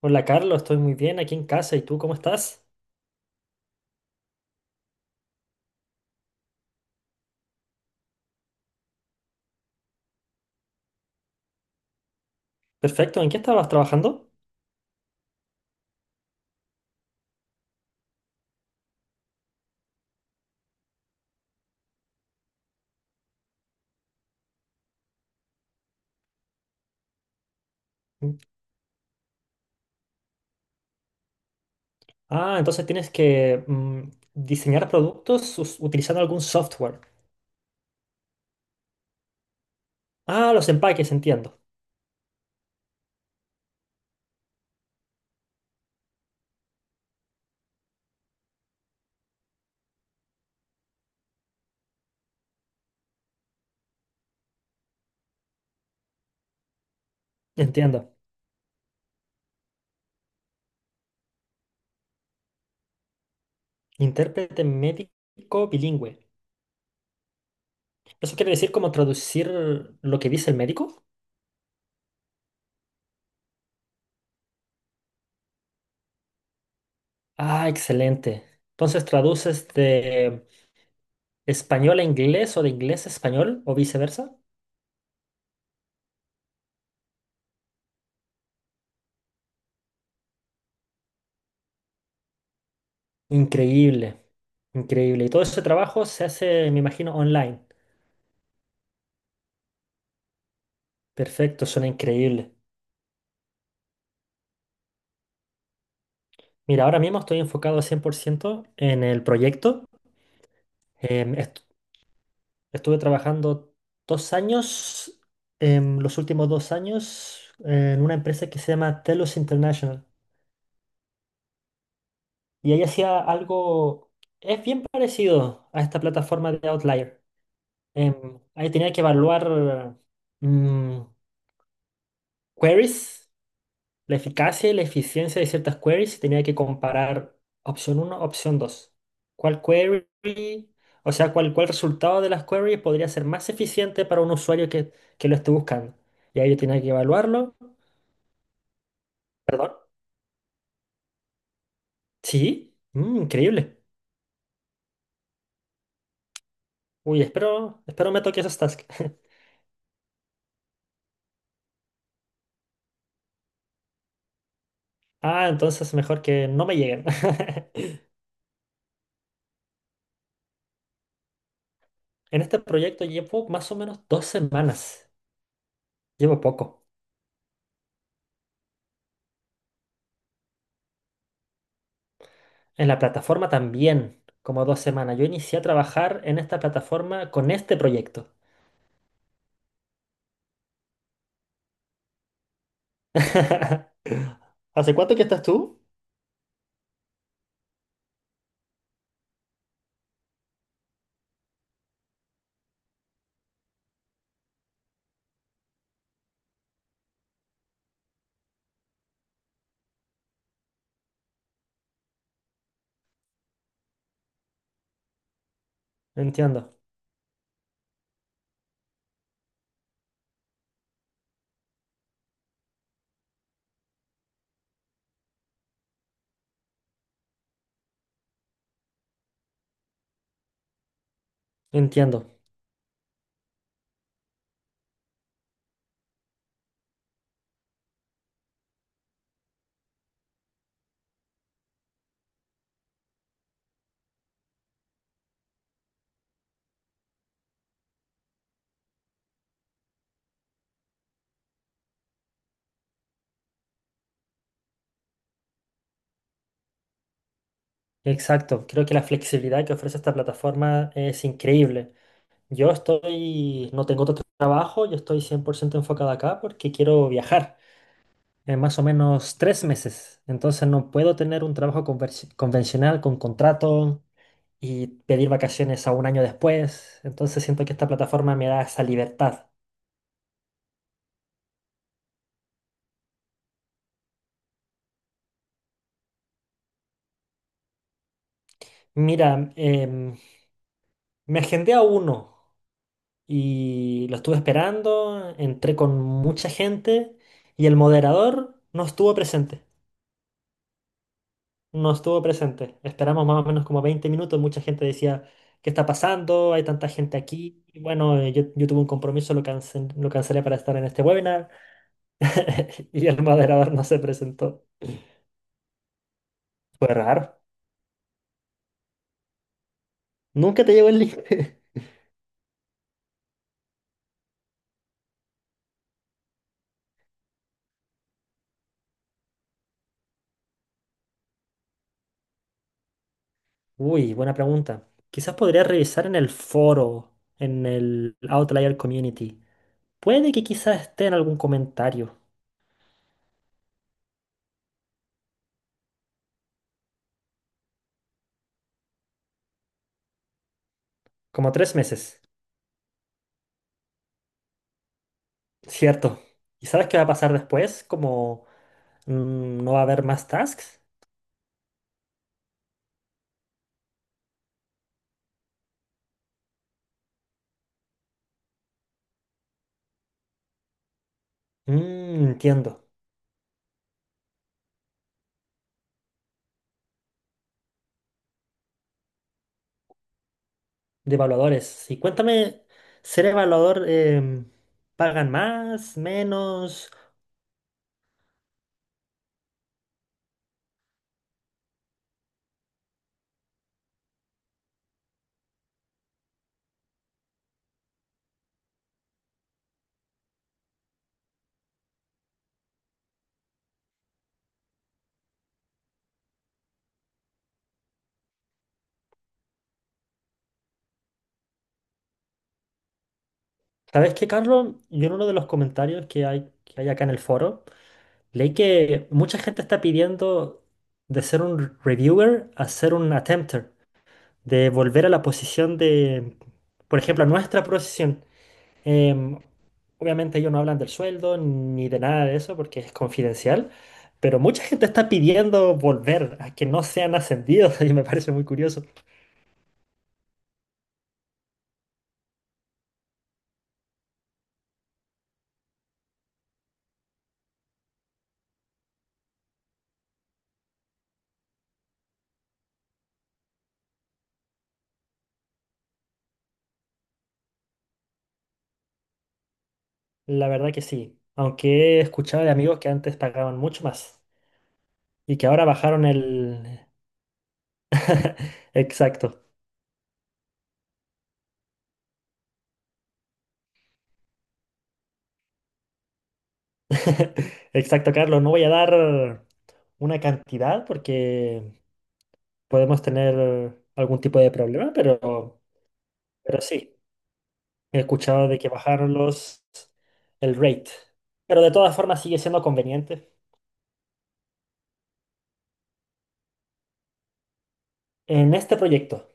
Hola Carlos, estoy muy bien aquí en casa. ¿Y tú cómo estás? Perfecto. ¿En qué estabas trabajando? Mm. Ah, entonces tienes que diseñar productos utilizando algún software. Ah, los empaques, entiendo. Entiendo. Intérprete médico bilingüe. ¿Eso quiere decir como traducir lo que dice el médico? Ah, excelente. Entonces traduces de español a inglés o de inglés a español o viceversa. Increíble. Increíble. Y todo ese trabajo se hace, me imagino, online. Perfecto, suena increíble. Mira, ahora mismo estoy enfocado 100% en el proyecto. Em, est- Estuve trabajando 2 años, los últimos 2 años, en una empresa que se llama Telos International. Y ahí hacía algo, es bien parecido a esta plataforma de Outlier. Em, ahí tenía que evaluar mm, queries. La eficacia y la eficiencia de ciertas queries tenía que comparar opción uno opción dos. ¿Cuál query, o sea, cuál resultado de las queries podría ser más eficiente para un usuario que lo esté buscando? Y ahí yo tenía que evaluarlo. Perdón. Sí. Mm, increíble. Uy, espero me toque esos tasks. Ah, entonces mejor que no me lleguen. En este proyecto llevo más o menos 2 semanas. Llevo poco. En la plataforma también, como 2 semanas. Yo inicié a trabajar en esta plataforma con este proyecto. ¿Hace cuánto que estás tú? Entiendo, entiendo. Exacto. Creo que la flexibilidad que ofrece esta plataforma es increíble. Yo estoy, no tengo otro trabajo, yo estoy 100% enfocado acá porque quiero viajar en más o menos 3 meses. Entonces no puedo tener un trabajo convencional con contrato y pedir vacaciones a un año después. Entonces siento que esta plataforma me da esa libertad. Mira, me agendé a uno y lo estuve esperando, entré con mucha gente y el moderador no estuvo presente, no estuvo presente. Esperamos más o menos como 20 minutos, mucha gente decía, ¿qué está pasando? Hay tanta gente aquí. Y bueno, yo tuve un compromiso, lo cancelé para estar en este webinar y el moderador no se presentó. Fue raro. Nunca te llegó el link. Uy, buena pregunta. Quizás podría revisar en el foro, en el Outlier Community. Puede que quizás esté en algún comentario. Como 3 meses. Cierto. ¿Y sabes qué va a pasar después? Como no va a haber más tasks. Mm, entiendo. De evaluadores. Y cuéntame, ser evaluador, em, ¿pagan más, menos? ¿Sabes qué, Carlos? Yo en uno de los comentarios que hay acá en el foro. Leí que mucha gente está pidiendo de ser un reviewer a ser un attempter, de volver a la posición de, por ejemplo, a nuestra posición. Em, obviamente ellos no hablan del sueldo ni de nada de eso porque es confidencial, pero mucha gente está pidiendo volver a que no sean ascendidos y me parece muy curioso. La verdad que sí, aunque he escuchado de amigos que antes pagaban mucho más y que ahora bajaron el... Exacto. Exacto, Carlos. No voy a dar una cantidad porque podemos tener algún tipo de problema, pero sí, he escuchado de que bajaron los, el rate. Pero de todas formas sigue siendo conveniente. En este proyecto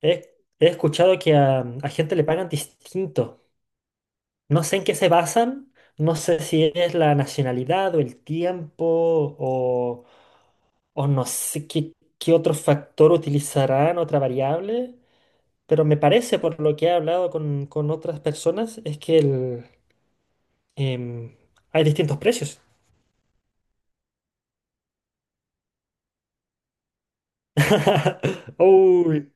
he escuchado que a gente le pagan distinto. No sé en qué se basan, no sé si es la nacionalidad o el tiempo o, o no sé qué, qué otro factor utilizarán, otra variable. Pero me parece, por lo que he hablado con otras personas, es que el, em, hay distintos precios. Uy,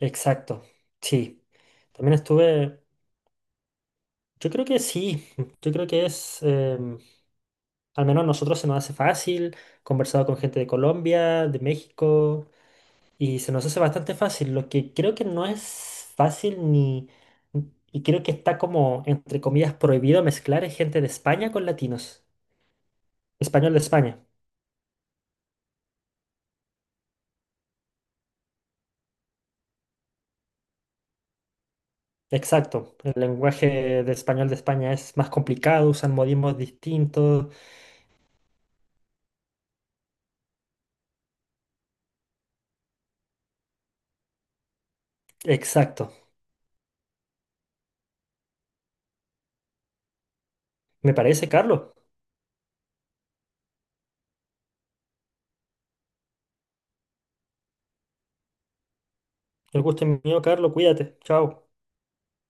exacto, sí. También estuve, yo creo que sí, yo creo que es, em, al menos a nosotros se nos hace fácil, conversado con gente de Colombia, de México, y se nos hace bastante fácil, lo que creo que no es fácil ni, y creo que está como, entre comillas, prohibido mezclar es gente de España con latinos, español de España. Exacto, el lenguaje de español de España es más complicado, usan modismos distintos. Exacto, me parece, Carlos. El gusto es mío, Carlos, cuídate. Chao.